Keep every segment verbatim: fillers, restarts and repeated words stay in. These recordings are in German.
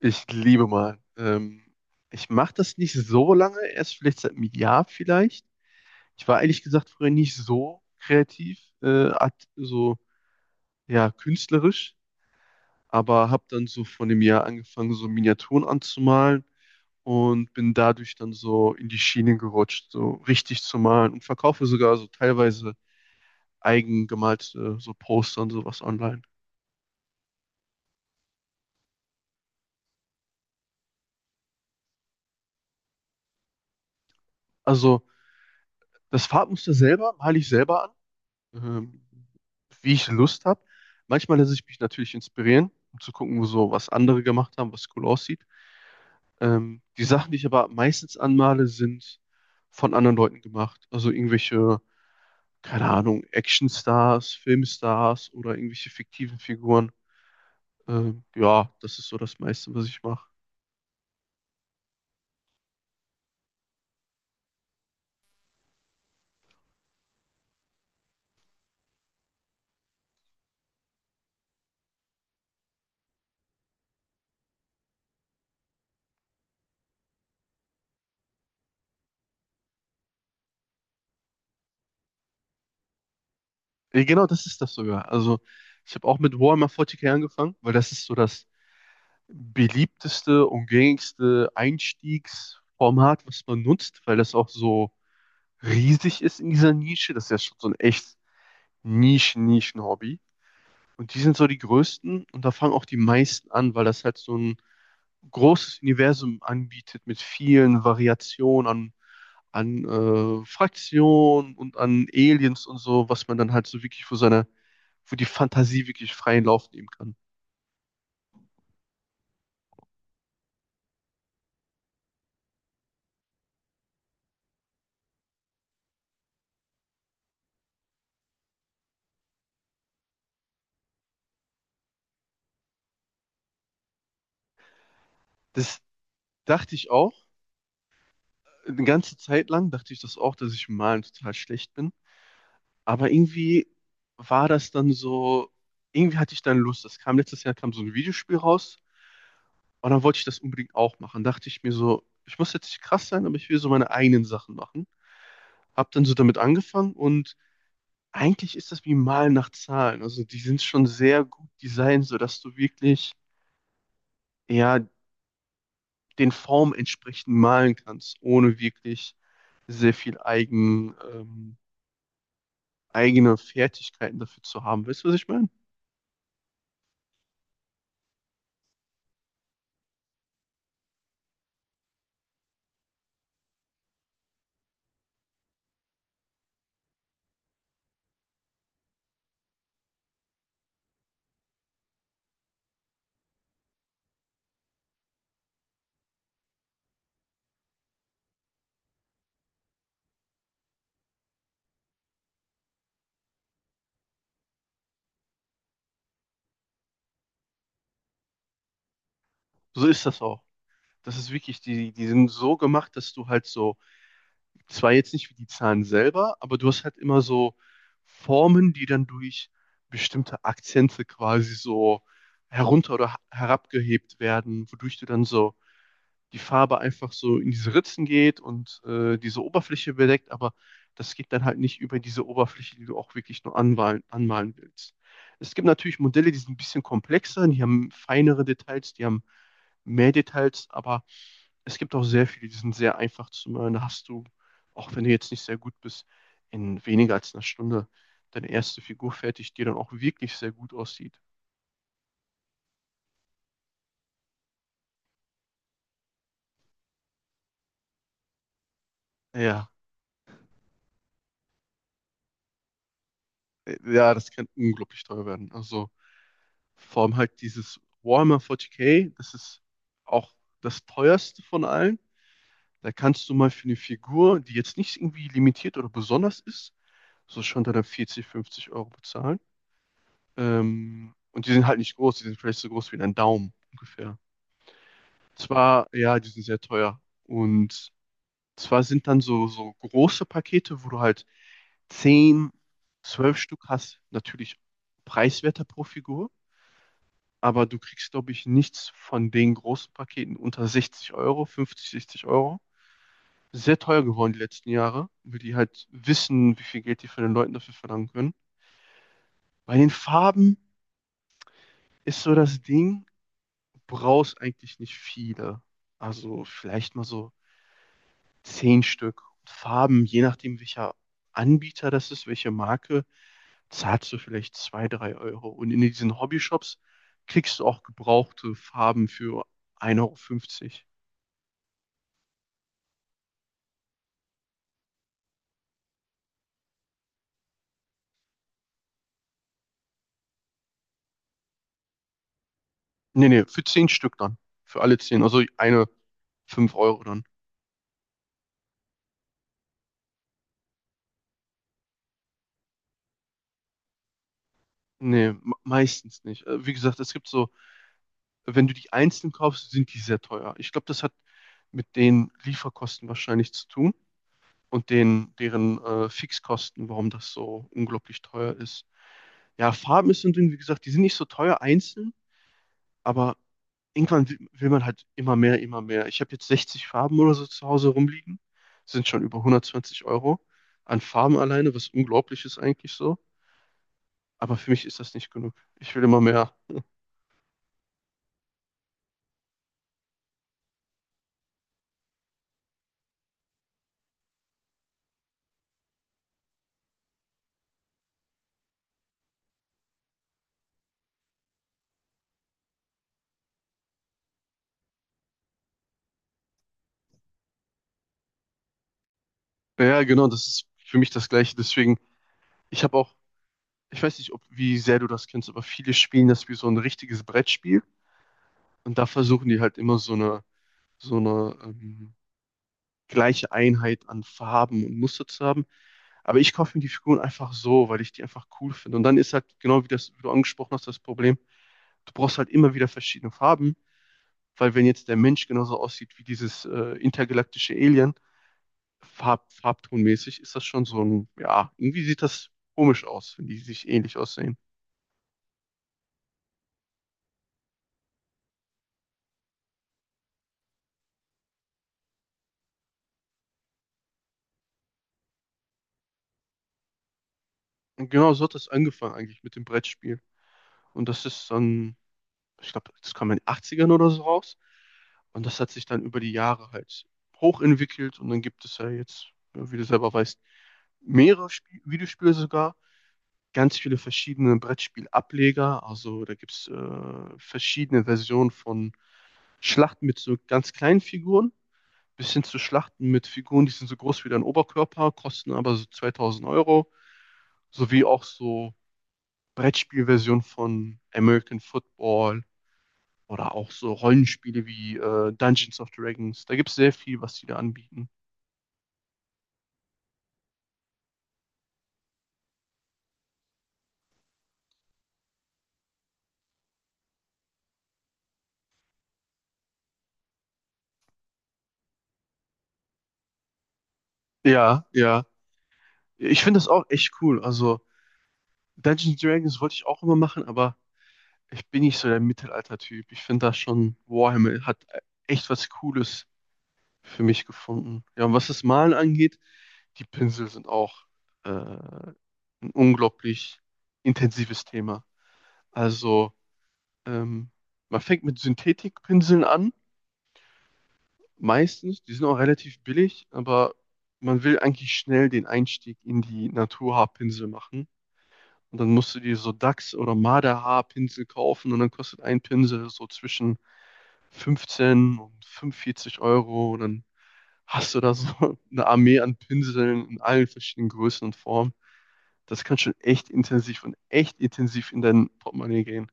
Ich liebe mal. Ähm, ich mache das nicht so lange, erst vielleicht seit einem Jahr vielleicht. Ich war ehrlich gesagt früher nicht so kreativ, äh, art- so ja, künstlerisch, aber habe dann so von dem Jahr angefangen, so Miniaturen anzumalen und bin dadurch dann so in die Schiene gerutscht, so richtig zu malen und verkaufe sogar so teilweise eigen gemalte so Poster und sowas online. Also das Farbmuster selber male ich selber, ähm, wie ich Lust habe. Manchmal lasse ich mich natürlich inspirieren, um zu gucken, wo so was andere gemacht haben, was cool aussieht. Ähm, die Sachen, die ich aber meistens anmale, sind von anderen Leuten gemacht. Also irgendwelche, keine Ahnung, Actionstars, Filmstars oder irgendwelche fiktiven Figuren. Ähm, ja, das ist so das meiste, was ich mache. Äh, genau, das ist das sogar. Also ich habe auch mit Warhammer vierzig K angefangen, weil das ist so das beliebteste und gängigste Einstiegsformat, was man nutzt, weil das auch so riesig ist in dieser Nische. Das ist ja schon so ein echt Nischen-Nischen-Hobby. Und die sind so die größten und da fangen auch die meisten an, weil das halt so ein großes Universum anbietet mit vielen Variationen an, an äh, Fraktionen und an Aliens und so, was man dann halt so wirklich für seine, für die Fantasie wirklich freien Lauf nehmen kann. Das dachte ich auch Eine ganze Zeit lang dachte ich das auch, dass ich im Malen total schlecht bin. Aber irgendwie war das dann so, irgendwie hatte ich dann Lust. Das kam letztes Jahr, kam so ein Videospiel raus und dann wollte ich das unbedingt auch machen. Dachte ich mir so, ich muss jetzt nicht krass sein, aber ich will so meine eigenen Sachen machen. Hab dann so damit angefangen und eigentlich ist das wie Malen nach Zahlen. Also die sind schon sehr gut designt, sodass du wirklich, ja, den Formen entsprechend malen kannst, ohne wirklich sehr viel Eigen, ähm, eigene Fertigkeiten dafür zu haben. Weißt du, was ich meine? So ist das auch. Das ist wirklich, die, die sind so gemacht, dass du halt so, zwar jetzt nicht wie die Zahlen selber, aber du hast halt immer so Formen, die dann durch bestimmte Akzente quasi so herunter oder ha- herabgehebt werden, wodurch du dann so die Farbe einfach so in diese Ritzen geht und äh, diese Oberfläche bedeckt, aber das geht dann halt nicht über diese Oberfläche, die du auch wirklich nur anmalen, anmalen willst. Es gibt natürlich Modelle, die sind ein bisschen komplexer, die haben feinere Details, die haben mehr Details, aber es gibt auch sehr viele, die sind sehr einfach zu malen. Da hast du, auch wenn du jetzt nicht sehr gut bist, in weniger als einer Stunde deine erste Figur fertig, die dann auch wirklich sehr gut aussieht. Ja, äh, ja, das kann unglaublich teuer werden. Also vor allem halt dieses Warhammer vierzig K, das ist auch das teuerste von allen. Da kannst du mal für eine Figur, die jetzt nicht irgendwie limitiert oder besonders ist, so schon dann vierzig, fünfzig Euro bezahlen. Ähm, und die sind halt nicht groß, die sind vielleicht so groß wie ein Daumen ungefähr. Zwar, ja, die sind sehr teuer. Und zwar sind dann so, so große Pakete, wo du halt zehn zwölf Stück hast, natürlich preiswerter pro Figur. Aber du kriegst, glaube ich, nichts von den großen Paketen unter sechzig Euro, fünfzig, sechzig Euro. Sehr teuer geworden die letzten Jahre, weil die halt wissen, wie viel Geld die von den Leuten dafür verlangen können. Bei den Farben ist so das Ding, du brauchst eigentlich nicht viele. Also vielleicht mal so zehn Stück. Farben, je nachdem, welcher Anbieter das ist, welche Marke, zahlst du vielleicht zwei, drei Euro. Und in diesen Hobbyshops kriegst du auch gebrauchte Farben für ein Euro fünfzig. Nee, nee, für zehn Stück dann. Für alle zehn. Also eine fünf Euro dann. Nee, me- meistens nicht. Äh, Wie gesagt, es gibt so, wenn du die einzeln kaufst, sind die sehr teuer. Ich glaube, das hat mit den Lieferkosten wahrscheinlich zu tun und den, deren äh, Fixkosten, warum das so unglaublich teuer ist. Ja, Farben sind, wie gesagt, die sind nicht so teuer einzeln, aber irgendwann wi- will man halt immer mehr, immer mehr. Ich habe jetzt sechzig Farben oder so zu Hause rumliegen. Sind schon über hundertzwanzig Euro an Farben alleine, was unglaublich ist eigentlich so. Aber für mich ist das nicht genug. Ich will immer mehr. Ja, genau, das ist für mich das Gleiche. Deswegen, ich habe auch, ich weiß nicht, ob, wie sehr du das kennst, aber viele spielen das wie so ein richtiges Brettspiel. Und da versuchen die halt immer so eine, so eine ähm, gleiche Einheit an Farben und Muster zu haben. Aber ich kaufe mir die Figuren einfach so, weil ich die einfach cool finde. Und dann ist halt genau wie das, wie du angesprochen hast, das Problem, du brauchst halt immer wieder verschiedene Farben, weil wenn jetzt der Mensch genauso aussieht wie dieses äh, intergalaktische Alien, farb, farbtonmäßig, ist das schon so ein, ja, irgendwie sieht das komisch aus, wenn die sich ähnlich aussehen. Und genau so hat das angefangen eigentlich mit dem Brettspiel. Und das ist dann, ich glaube, das kam in den Achtzigern oder so raus. Und das hat sich dann über die Jahre halt hochentwickelt und dann gibt es ja jetzt, ja, wie du selber weißt, mehrere Spie Videospiele sogar, ganz viele verschiedene Brettspielableger. Also da gibt es äh, verschiedene Versionen von Schlachten mit so ganz kleinen Figuren bis hin zu Schlachten mit Figuren, die sind so groß wie dein Oberkörper, kosten aber so zweitausend Euro, sowie auch so Brettspielversionen von American Football oder auch so Rollenspiele wie äh, Dungeons of Dragons. Da gibt es sehr viel, was die da anbieten. Ja, ja. Ich finde das auch echt cool. Also Dungeons and Dragons wollte ich auch immer machen, aber ich bin nicht so der Mittelalter-Typ. Ich finde das schon, Warhammer hat echt was Cooles für mich gefunden. Ja, und was das Malen angeht, die Pinsel sind auch äh, ein unglaublich intensives Thema. Also ähm, man fängt mit Synthetikpinseln an, meistens, die sind auch relativ billig, aber man will eigentlich schnell den Einstieg in die Naturhaarpinsel machen. Und dann musst du dir so Dachs- oder Marderhaarpinsel kaufen und dann kostet ein Pinsel so zwischen fünfzehn und fünfundvierzig Euro. Und dann hast du da so eine Armee an Pinseln in allen verschiedenen Größen und Formen. Das kann schon echt intensiv und echt intensiv in dein Portemonnaie gehen.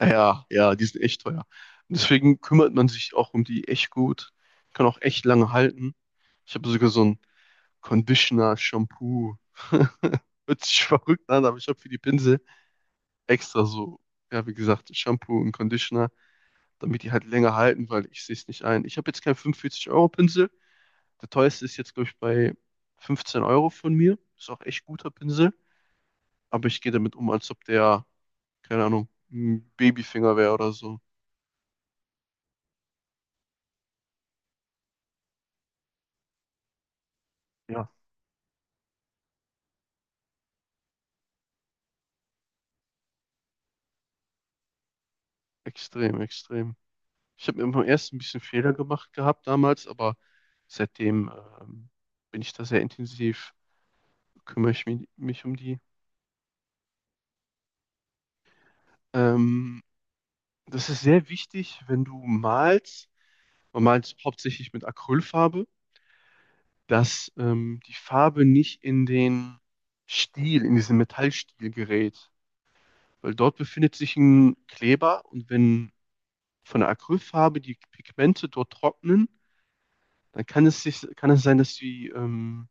Ja, ja, die sind echt teuer. Und deswegen kümmert man sich auch um die echt gut. Kann auch echt lange halten. Ich habe sogar so ein Conditioner, Shampoo. Hört sich verrückt an, aber ich habe für die Pinsel extra so, ja, wie gesagt, Shampoo und Conditioner, damit die halt länger halten, weil ich sehe es nicht ein. Ich habe jetzt keinen fünfundvierzig-Euro-Pinsel. Der teuerste ist jetzt, glaube ich, bei fünfzehn Euro von mir. Ist auch echt guter Pinsel. Aber ich gehe damit um, als ob der, keine Ahnung, ein Babyfinger wäre oder so. Ja. Extrem, extrem. Ich habe immer erst ein bisschen Fehler gemacht gehabt damals, aber seitdem ähm, bin ich da sehr intensiv, kümmere ich mich, mich um die. Ähm, das ist sehr wichtig, wenn du malst, man malt hauptsächlich mit Acrylfarbe, dass ähm, die Farbe nicht in den Stiel, in diesen Metallstiel gerät, weil dort befindet sich ein Kleber und wenn von der Acrylfarbe die Pigmente dort trocknen, dann kann es sich, kann es sein, dass die ähm,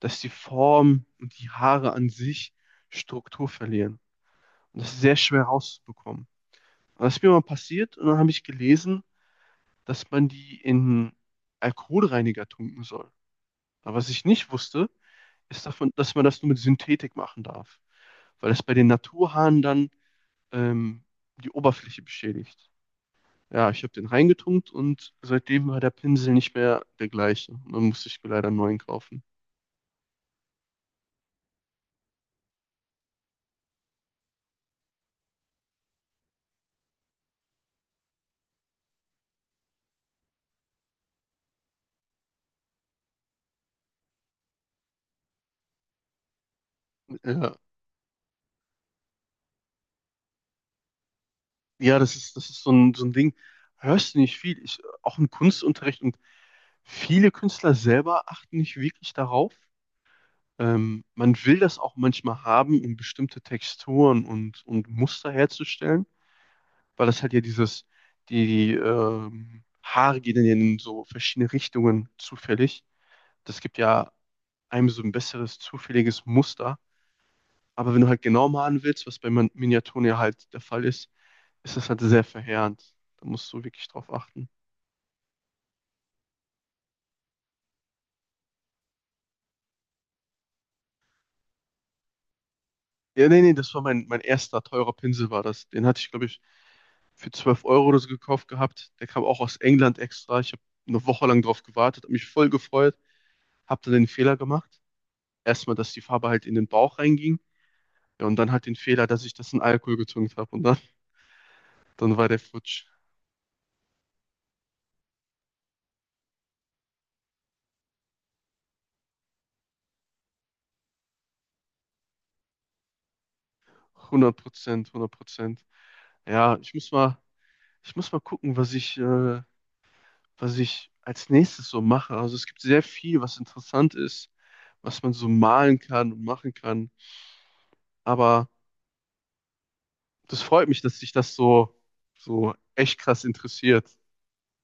dass die Form und die Haare an sich Struktur verlieren. Und das ist sehr schwer rauszubekommen. Und das ist mir mal passiert und dann habe ich gelesen, dass man die in Alkoholreiniger tunken soll. Aber was ich nicht wusste, ist davon, dass man das nur mit Synthetik machen darf, weil das bei den Naturhaaren dann ähm, die Oberfläche beschädigt. Ja, ich habe den reingetunkt und seitdem war der Pinsel nicht mehr der gleiche. Und dann musste ich mir leider einen neuen kaufen. Ja, ja, das ist, das ist so ein, so ein Ding. Hörst du nicht viel? Ich, auch im Kunstunterricht und viele Künstler selber achten nicht wirklich darauf. Ähm, man will das auch manchmal haben, um bestimmte Texturen und, und Muster herzustellen, weil das halt ja dieses, die, die ähm, Haare gehen dann ja in so verschiedene Richtungen zufällig. Das gibt ja einem so ein besseres, zufälliges Muster. Aber wenn du halt genau malen willst, was bei Min- Miniaturen ja halt der Fall ist, ist das halt sehr verheerend. Da musst du wirklich drauf achten. Ja, nee, nee, das war mein, mein erster teurer Pinsel war das. Den hatte ich, glaube ich, für zwölf Euro oder so gekauft gehabt. Der kam auch aus England extra. Ich habe eine Woche lang drauf gewartet, habe mich voll gefreut, habe dann den Fehler gemacht. Erstmal, dass die Farbe halt in den Bauch reinging. Ja, und dann halt den Fehler, dass ich das in Alkohol getunkt habe. Und dann, dann war der futsch. Hundert Prozent, Hundert Prozent. Ja, ich muss mal, ich muss mal gucken, was ich, äh, was ich als nächstes so mache. Also es gibt sehr viel, was interessant ist, was man so malen kann und machen kann. Aber das freut mich, dass dich das so, so echt krass interessiert.